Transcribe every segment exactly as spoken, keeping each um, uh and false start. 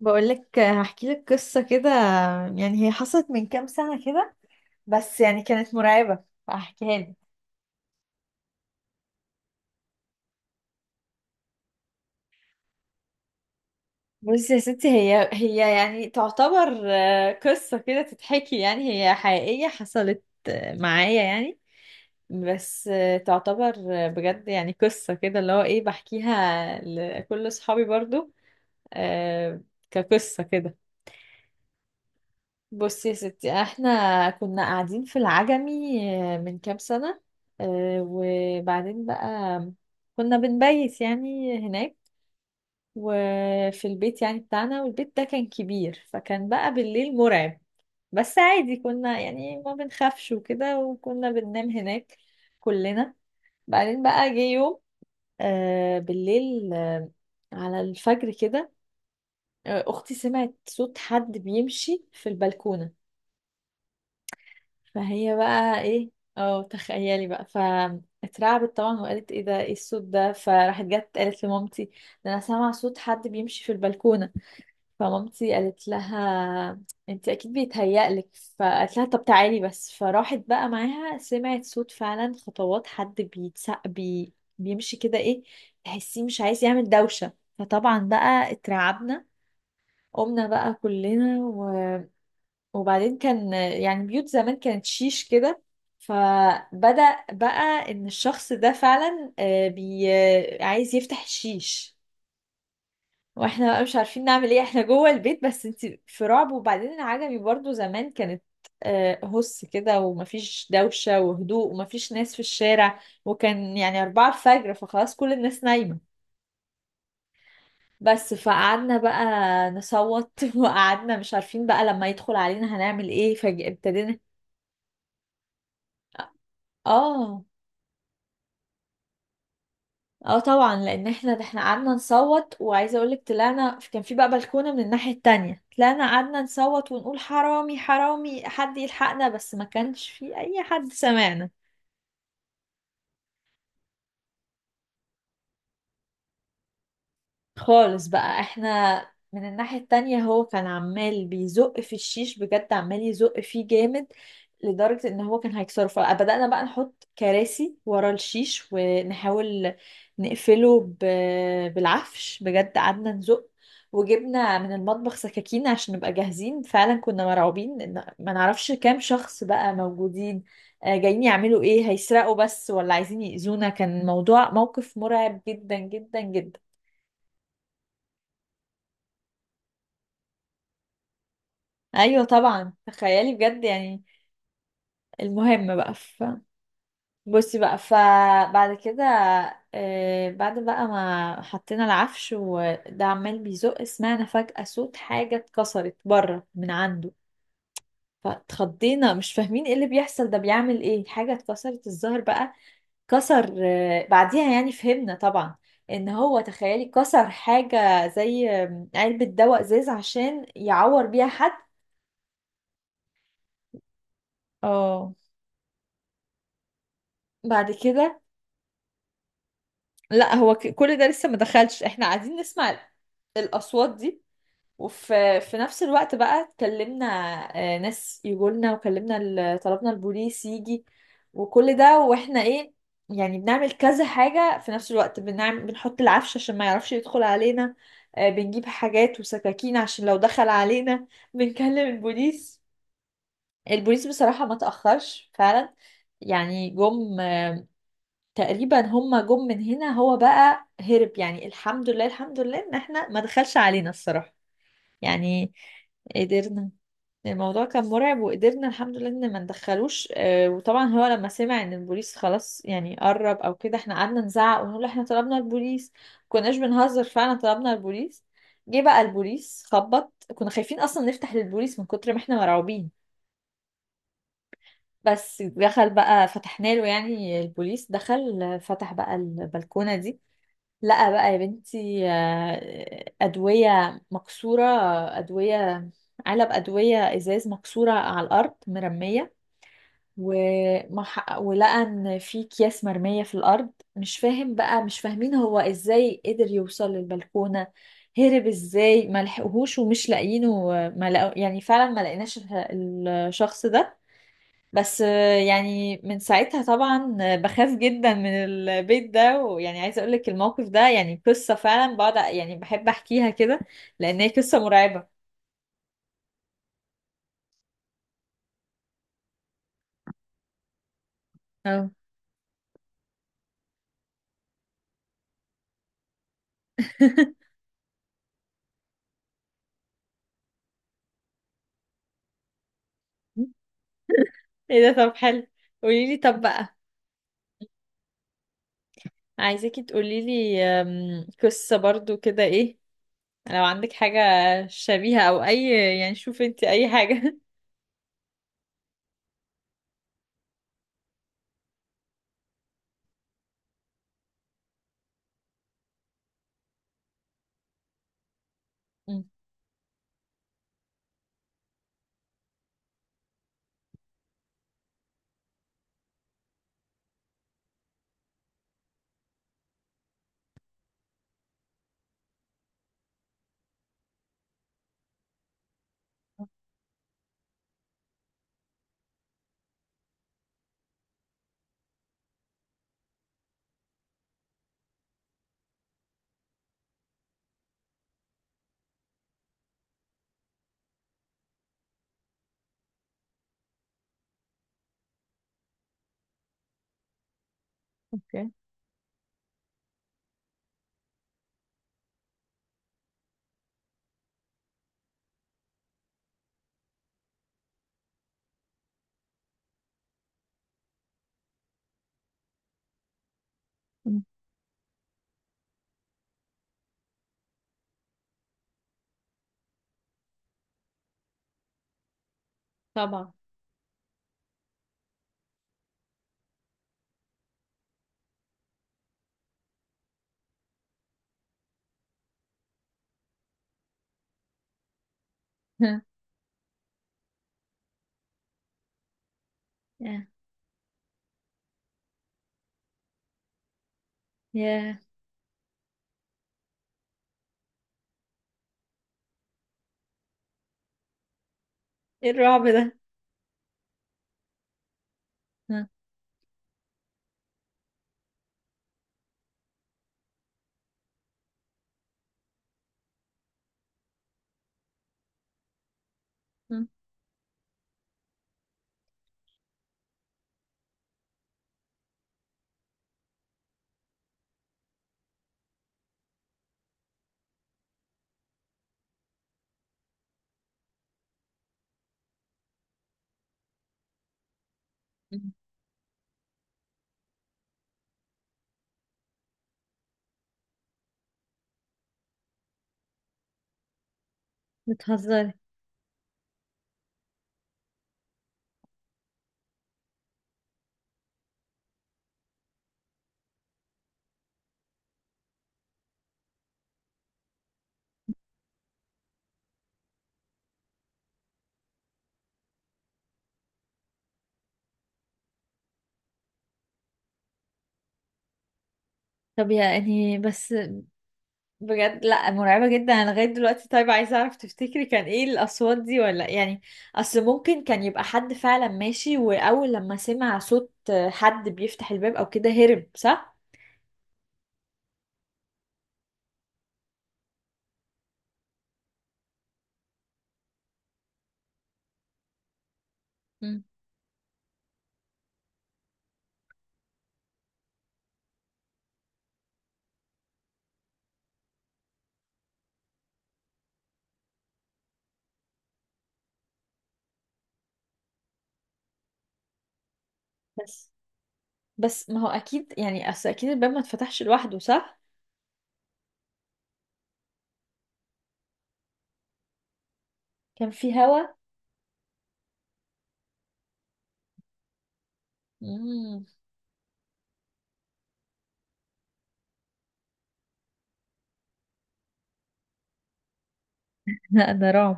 بقولك، هحكي لك قصة كده. يعني هي حصلت من كام سنة كده، بس يعني كانت مرعبة فهحكيها لك. بصي يا ستي، هي هي يعني تعتبر آه، قصة كده تتحكي. يعني هي حقيقية حصلت آه، معايا يعني. بس آه، تعتبر. آه، بجد يعني قصة كده اللي هو ايه، بحكيها لكل صحابي برضو. آه، كقصة كده. بصي يا ستي، احنا كنا قاعدين في العجمي آه، من كام سنة. آه، وبعدين بقى كنا بنبيت يعني هناك. وفي البيت يعني بتاعنا، والبيت ده كان كبير، فكان بقى بالليل مرعب. بس عادي كنا يعني ما بنخافش وكده، وكنا بننام هناك كلنا. بعدين بقى جه يوم آه، بالليل آه، على الفجر كده. آه، اختي سمعت صوت حد بيمشي في البلكونة. فهي بقى ايه؟ اه تخيلي بقى، فاترعبت طبعا وقالت ايه ده، ايه الصوت ده، فراحت جت قالت لمامتي: ده انا سامعه صوت حد بيمشي في البلكونه. فمامتي قالت لها: انت اكيد بيتهيألك. فقالت لها: طب تعالي بس. فراحت بقى معاها، سمعت صوت فعلا، خطوات حد بيتسق بي، بيمشي كده ايه، تحسيه مش عايز يعمل دوشه. فطبعا بقى اترعبنا، قمنا بقى كلنا. وبعدين كان يعني بيوت زمان كانت شيش كده، فبدأ بقى ان الشخص ده فعلا آه، بي آه، عايز يفتح الشيش. واحنا بقى مش عارفين نعمل ايه، احنا جوه البيت بس انت في رعب. وبعدين العجمي برضو زمان كانت آه، هس كده، ومفيش دوشة وهدوء، ومفيش ناس في الشارع، وكان يعني أربعة الفجر، فخلاص كل الناس نايمة. بس فقعدنا بقى نصوت وقعدنا مش عارفين بقى لما يدخل علينا هنعمل ايه، فابتدينا. اه، اه، طبعا، لان احنا ده احنا قعدنا نصوت. وعايزه اقولك، طلعنا، كان في بقى بلكونه من الناحيه التانية، طلعنا قعدنا نصوت ونقول حرامي حرامي، حد يلحقنا، بس ما كانش في اي حد سمعنا. خالص بقى. احنا من الناحية التانية، هو كان عمال بيزق في الشيش بجد، عمال يزق فيه جامد، لدرجة ان هو كان هيكسره. فبدأنا بقى نحط كراسي ورا الشيش ونحاول نقفله ب... بالعفش. بجد قعدنا نزق، وجبنا من المطبخ سكاكين عشان نبقى جاهزين. فعلا كنا مرعوبين ان ما نعرفش كام شخص بقى موجودين، آه، جايين يعملوا ايه، هيسرقوا بس ولا عايزين يأذونا. كان موضوع موقف مرعب جدا جدا جدا. ايوه طبعا تخيلي بجد يعني. المهم بقى ف... بصي بقى، فبعد كده آه، بعد بقى ما حطينا العفش وده عمال بيزق، سمعنا فجأة صوت حاجة اتكسرت بره من عنده. فاتخضينا، مش فاهمين ايه اللي بيحصل، ده بيعمل ايه، حاجة اتكسرت. الظهر بقى كسر آه، بعديها يعني فهمنا طبعا ان هو تخيلي كسر حاجة زي آه، علبة دواء ازاز عشان يعور بيها حد. اه، بعد كده. لا، هو ك- كل ده لسه ما دخلش، احنا قاعدين نسمع ال- الاصوات دي. وفي في نفس الوقت بقى اتكلمنا آه، ناس يقولنا، وكلمنا ال- طلبنا البوليس يجي. وكل ده واحنا ايه، يعني بنعمل كذا حاجة في نفس الوقت: بنعمل بنحط العفش عشان ما يعرفش يدخل علينا، آه، بنجيب حاجات وسكاكين عشان لو دخل علينا، بنكلم البوليس. البوليس بصراحة ما تأخرش فعلا. يعني جم. تقريبا هما جم من هنا، هو بقى هرب. يعني الحمد لله، الحمد لله ان احنا ما دخلش علينا الصراحة يعني. قدرنا. الموضوع كان مرعب، وقدرنا الحمد لله ان ما ندخلوش آه، وطبعا هو لما سمع ان البوليس خلاص يعني قرب او كده، احنا قعدنا نزعق ونقول احنا طلبنا البوليس، كناش بنهزر، فعلا طلبنا البوليس. جه بقى البوليس، خبط، كنا خايفين اصلا نفتح للبوليس من كتر ما احنا مرعوبين. بس دخل بقى، فتحنا له. يعني البوليس دخل، فتح بقى البلكونة دي. لا بقى يا بنتي، آه، أدوية مكسورة. أدوية، علب أدوية إزاز مكسورة على الأرض مرمية. ومح... ولقى إن في أكياس مرمية في الأرض. مش فاهم بقى مش فاهمين هو إزاي قدر يوصل للبلكونة، هرب إزاي، ما لحقوهوش ومش لاقيينه. ما لقو... يعني فعلا ما لقيناش الشخص ده. بس آه، يعني من ساعتها طبعا آه، بخاف جدا من البيت ده. ويعني عايزه اقول لك، الموقف ده يعني قصه فعلا بقعد أ- يعني بحب احكيها كده، لان هي قصه مرعبه. اه. ايه ده، طب حلو. قولي لي طب بقى. عايزاكي تقولي لي آم، قصه برضو كده، ايه لو عندك حاجه شبيهه او اي، يعني شوفي انت اي حاجه. مم، اوكي. مم. طبعا. ها. يا، يا، ايه الرعب ده. مم، مم، مم. بتهزري؟ طب يعني بس، بجد لا، مرعبة جدا، انا لغاية دلوقتي. طيب عايزة اعرف، تفتكري كان ايه الاصوات دي، ولا يعني اصل ممكن كان يبقى حد فعلا ماشي، واول لما سمع صوت حد بيفتح الباب او كده هرب، صح؟ مم. بس بس ما هو اكيد يعني، اصل اكيد الباب ما اتفتحش لوحده، صح؟ كان في هوا. امم. لا، ده رعب.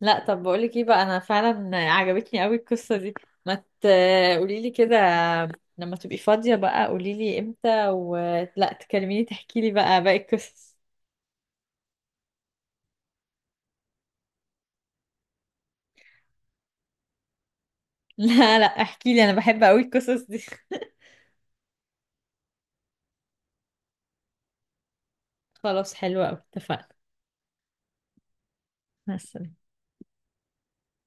لا، طب بقولك ايه بقى، انا فعلا عجبتني قوي القصة دي. ما تقوليلي كده، لما تبقي فاضية بقى قوليلي امتى، ولا تكلميني تحكيلي بقى باقي القصص. لا لا، احكيلي، انا بحب قوي القصص دي. خلاص، حلوة قوي، اتفقنا. مع السلامة.